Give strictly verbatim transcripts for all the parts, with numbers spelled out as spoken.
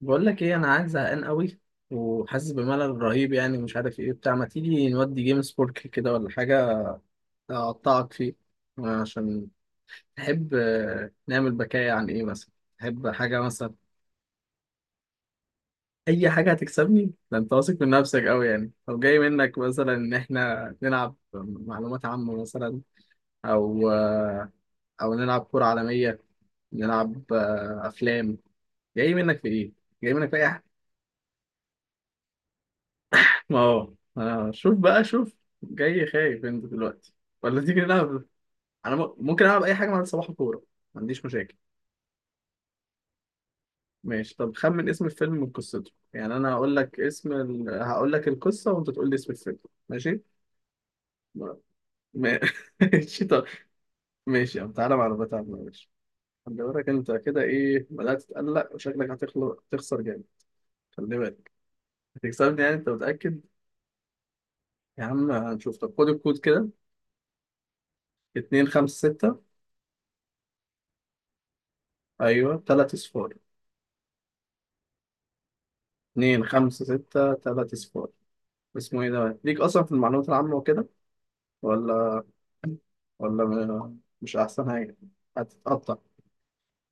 بقول لك ايه انا عايز زهقان قوي وحاسس بملل رهيب، يعني مش عارف ايه بتاع. ما تيجي نودي جيم سبورك كده ولا حاجه اقطعك فيه؟ عشان تحب. آه، نعمل بكاية عن ايه مثلا؟ تحب حاجه مثلا؟ اي حاجه هتكسبني؟ ده انت واثق من نفسك قوي يعني؟ طب جاي منك مثلا ان احنا نلعب معلومات عامه مثلا؟ او آه، او نلعب كره عالميه، نلعب آه، افلام. جاي منك في ايه؟ جاي منك في اي؟ ما هو آه، شوف بقى شوف. جاي خايف انت دلوقتي؟ ولا تيجي نلعب؟ انا م- ممكن العب اي حاجه مع صباح الكوره، ما عنديش مشاكل. ماشي. طب خمن اسم الفيلم من قصته، يعني انا هقول لك اسم ال... هقول لك القصه وانت تقول لي اسم الفيلم. ماشي. ما- ما- ماشي طب. ماشي يا عم، تعالى معلومات عامه ماشي. خلي بالك انت كده، ايه بدات تتقلق، وشكلك هتخلق تخسر جامد. خلي بالك. هتكسبني يعني؟ انت متاكد؟ يا عم هنشوف. طب خد الكود كده، اتنين خمسة ستة. ايوه تلاتة صفار. اتنين خمسة ستة تلاتة صفار. اسمه ايه ده؟ ليك أصلا في المعلومات العامة وكده؟ ولا؟ ولا م- مش أحسن حاجة؟ هتتقطع.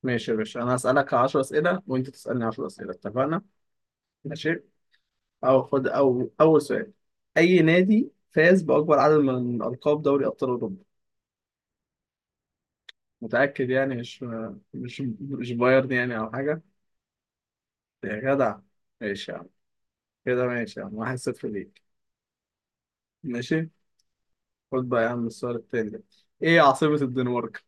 ماشي يا باشا، أنا هسألك عشر أسئلة وأنت تسألني عشر أسئلة، اتفقنا؟ ماشي؟ أو خد أو أول سؤال، أي نادي فاز بأكبر عدد من ألقاب دوري أبطال أوروبا؟ متأكد يعني؟ مش مش مش بايرن يعني أو حاجة؟ يا جدع. ماشي يا عم. كده ماشي يا عم، واحد صفر ليك، ماشي؟ خد بقى يا عم السؤال التاني ده، إيه عاصمة الدنمارك؟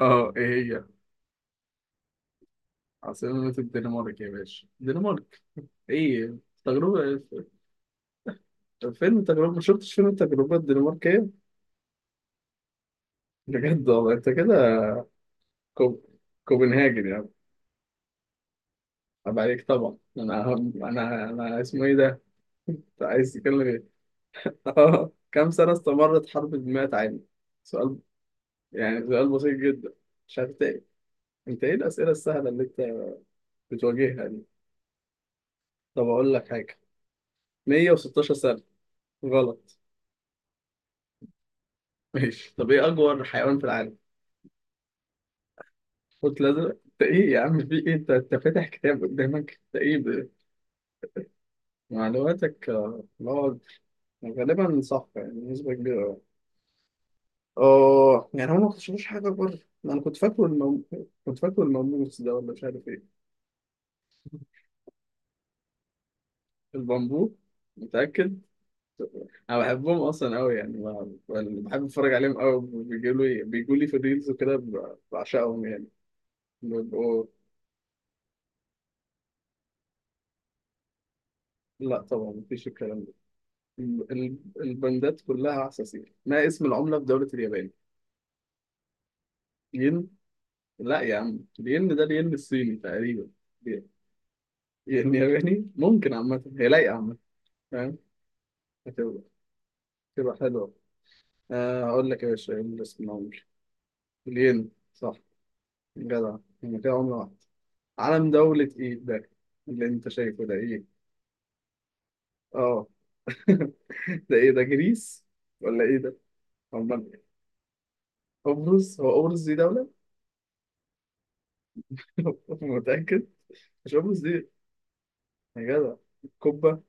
اه ايه هي؟ عاصمة الدنمارك يا باشا، الدنمارك. ايه، تجربة؟ فيلم تجربة؟ ما شفتش فيلم التجربة الدنماركية. بجد والله انت كده. كو... كوبنهاجن يا عم. عيب عليك طبعا. انا انا انا اسمه ايه ده. انت عايز تتكلم ايه. اه، كم سنة استمرت حرب المئة عام؟ سؤال يعني، سؤال بسيط جدا. مش عارف إيه. انت ايه الأسئلة السهلة اللي انت بتواجهها دي؟ طب اقول لك حاجة، مية وستاشر سنة. غلط. ماشي. طب ايه اكبر حيوان في العالم؟ قلت لازم انت ايه يا عم، في ايه؟ انت انت فاتح كتاب قدامك؟ انت ايه ب- معلوماتك آه، اللي هو غالبا صح يعني، بنسبة كبيرة أوي. اه يعني هم ما اكتشفوش حاجة بره، ما انا كنت فاكره المم... كنت فاكره الماموس ده ولا مش عارف ايه. البامبو؟ متأكد؟ انا بحبهم اصلا قوي يعني، ما- يعني بحب اتفرج عليهم قوي، بيجوا لي بيجوا لي في الريلز وكده ب- بعشقهم يعني. بيبقوا. لا طبعا، مفيش الكلام ده. ال- ال- البندات كلها عساسية. ما اسم العملة في دولة اليابان؟ ين؟ لا يا عم، الين ده الين الصيني تقريبا. ين ياباني؟ ممكن، عامة هي لايقة عامة. فاهم. هتبقى. هتبقى حلوة. آه، أقول لك يا باشا إيه اللي اسمه، عمري الين صح. جدع، هما كده عملة واحدة. علم دولة إيه ده اللي أنت شايفه ده إيه؟ آه ده إيه ده، جريس ولا إيه ده؟ أمال. قبرص؟ هو قبرص دي دولة؟ متأكد؟ مش قبرص دي. يا جدع. كوبا؟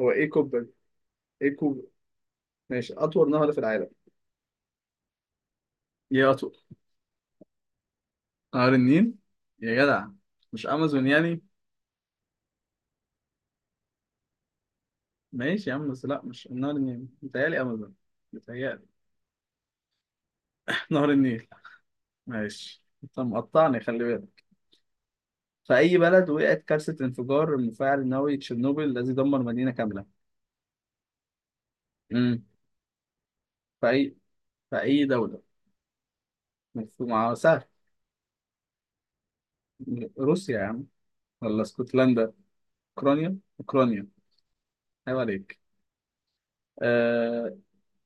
هو إيه كوبا دي؟ إيه كوبا؟ ماشي. أطول نهر في العالم؟ يا، نهر النيل؟ يا جدع، مش امازون يعني؟ ماشي يا عم، بس لا مش نهر النيل، متهيألي امازون، متهيألي. نهر النيل. ماشي انت مقطعني، خلي بالك. في اي بلد وقعت كارثة انفجار المفاعل النووي تشيرنوبل الذي دمر مدينة كاملة؟ امم. في اي في اي دولة؟ مفهوم آه، سهل. روسيا يا عم؟ ولا اسكتلندا؟ اوكرانيا اوكرانيا. عيب عليك. آه...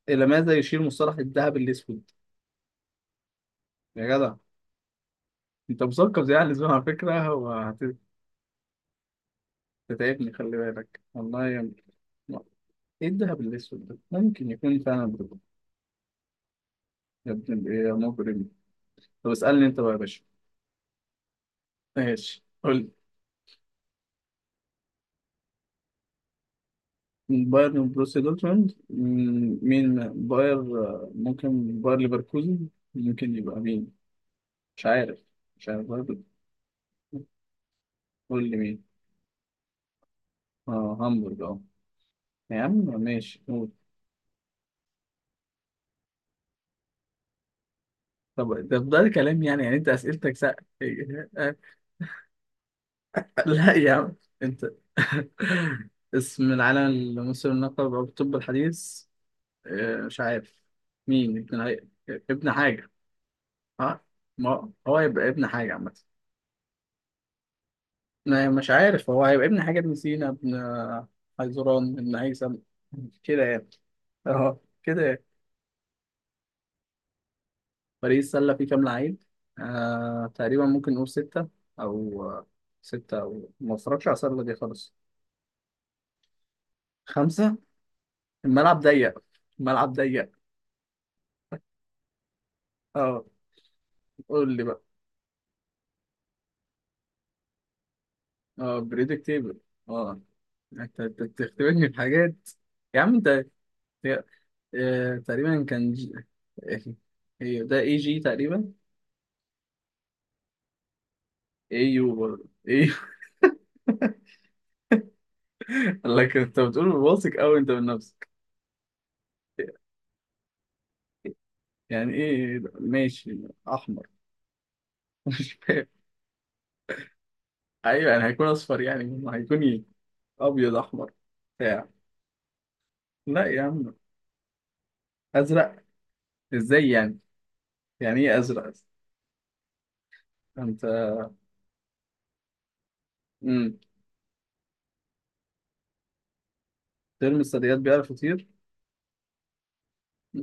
الى ماذا يشير مصطلح الذهب الاسود؟ يا جدع. انت مثقف زي اهل الزمن على فكره. تتعبني خلي بالك والله يا ابني. ايه الدهب الاسود ده، ممكن يكون فعلا بيربط. يا ابن ايه يا مجرم. طب اسألني انت بقى يا باشا. ماشي قول لي. بايرن بروسيا دورتموند، مم، مين باير، آه، ممكن باير ليفركوزن. ممكن يبقى مين. مش عارف. مش عارف برضه. قول لي مين. اه هامبورج اه. يا عم ماشي. قول. طب ده ده كلام يعني، يعني انت اسئلتك سأ... لا يا عم انت اسم العالم المسلم لقب أبو الطب الحديث، آه، مش عارف. مين ابن عي- ابن حاجة. اه، ما هو هيبقى ابن حاجة عامة. لا، مش عارف. هو هيبقى ابن حاجة، ابن سينا، ابن حيزران، ابن هيثم. كده يعني. اه كده يعني. باريس سلة فيه كام لعيب؟ آه تقريبا، ممكن نقول ستة. أو ستة، أو ما اتفرجش على السلة دي خالص. خمسة. الملعب ضيق، الملعب ضيق. اه. قول لي بقى. اه، بريدكتيبل. اه. انت أنت بتختبرني بحاجات. يا عم انت، يا- آه، تقريبا كان جي... ايه؟ إيه، ده اي جي تقريبا. اي يو برضه اي لكن انت بتقول واثق قوي انت من نفسك. يعني ايه ده؟ ماشي. احمر. مش فاهم. ايوه يعني هيكون اصفر يعني، ما هيكون ايه، ابيض، احمر، بتاع. لا يا عم. ازرق؟ ازاي يعني؟ يعني ايه ازرق. انت. امم. ترم الثدييات بيعرف يطير،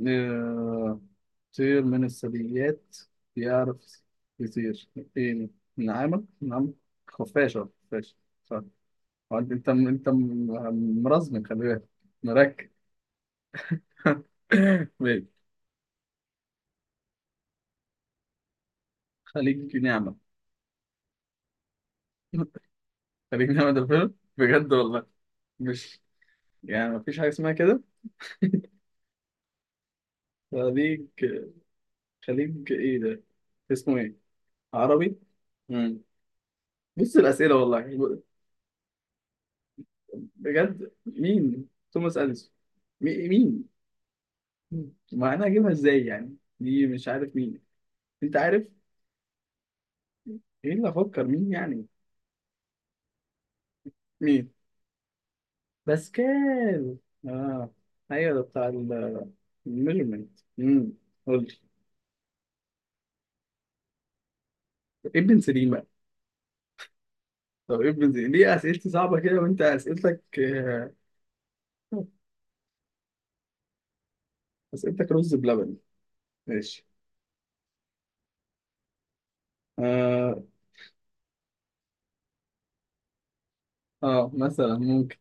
آه، كثير من الثدييات بيعرف يطير. ايه، نعامة؟ نعم، خفاشة خفاشة. صح. وانت- انت انت انت م- مرزم خلي بالك، مركب. ماشي. خليك نعمة. خليك نعمة ده فيلم بجد والله. مش، يعني مفيش حاجة اسمها كده. خليك، خليك ايه ده. اسمه ايه. عربي. مم. بص الأسئلة والله. بجد، مين، توماس أديسون؟ مي- مين، ما انا اجيبها ازاي يعني، دي مش عارف مين. انت عارف. ايه اللي افكر مين يعني. مين. باسكال. اه. ايوه، ده بتاع الميجرمنت. امم. قول لي. ابن سليم بقى. طب ابن سليم، ليه اسئلتي صعبه كده وانت اسئلتك آه، اسئلتك رز بلبن. ماشي. اه. اه مثلا ممكن.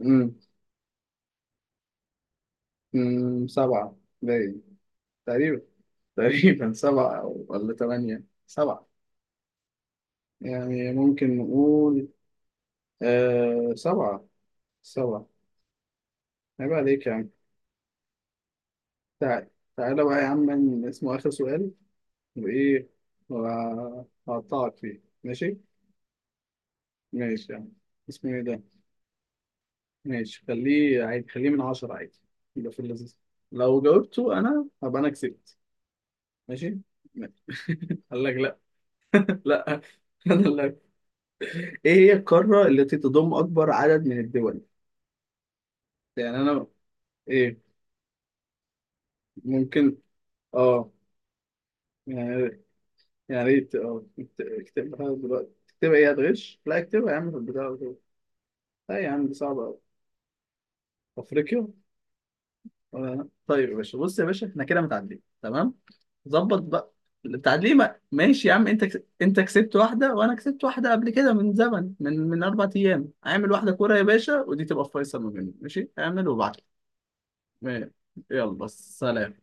امم. امم سبعه باين. تقريبا. تقريبا سبعه أو- ولا ثمانيه، سبعه. يعني ممكن نقول آه سبعه. سبعة. عيب عليك يا عم. تعال. تعالى بقى يا عم من اسمه آخر سؤال، وإيه وهقطعك فيه، ماشي؟ ماشي يا عم. اسمه إيه ده؟ ماشي، خليه عادي، خليه من عشرة عادي، يبقى في اللذيذ. لو جاوبته أنا هبقى أنا كسبت. ماشي؟ ماشي. قال لك لأ. لأ أنا لأ. إيه هي القارة التي تضم أكبر عدد من الدول؟ يعني أنا. إيه. ممكن. آه، يعني، يعني يا ريت اه اكت- اكتبها دلوقتي. تكتبها ايه، هتغش؟ لا اكتبها يا عم في البتاع على طول. لا يا عم دي صعبة أوي. أفريقيا. ولا أنا؟ طيب يا باشا، بص يا باشا، احنا كده متعادلين تمام؟ ظبط بقى. التعادلين ما- ماشي يا عم، انت كس... انت كسبت واحدة وأنا كسبت واحدة قبل كده من زمن، من من أربع أيام. اعمل واحدة كورة يا باشا، ودي تبقى فيصل ما بيننا، ماشي؟ اعمل وابعت لي. يلا سلام.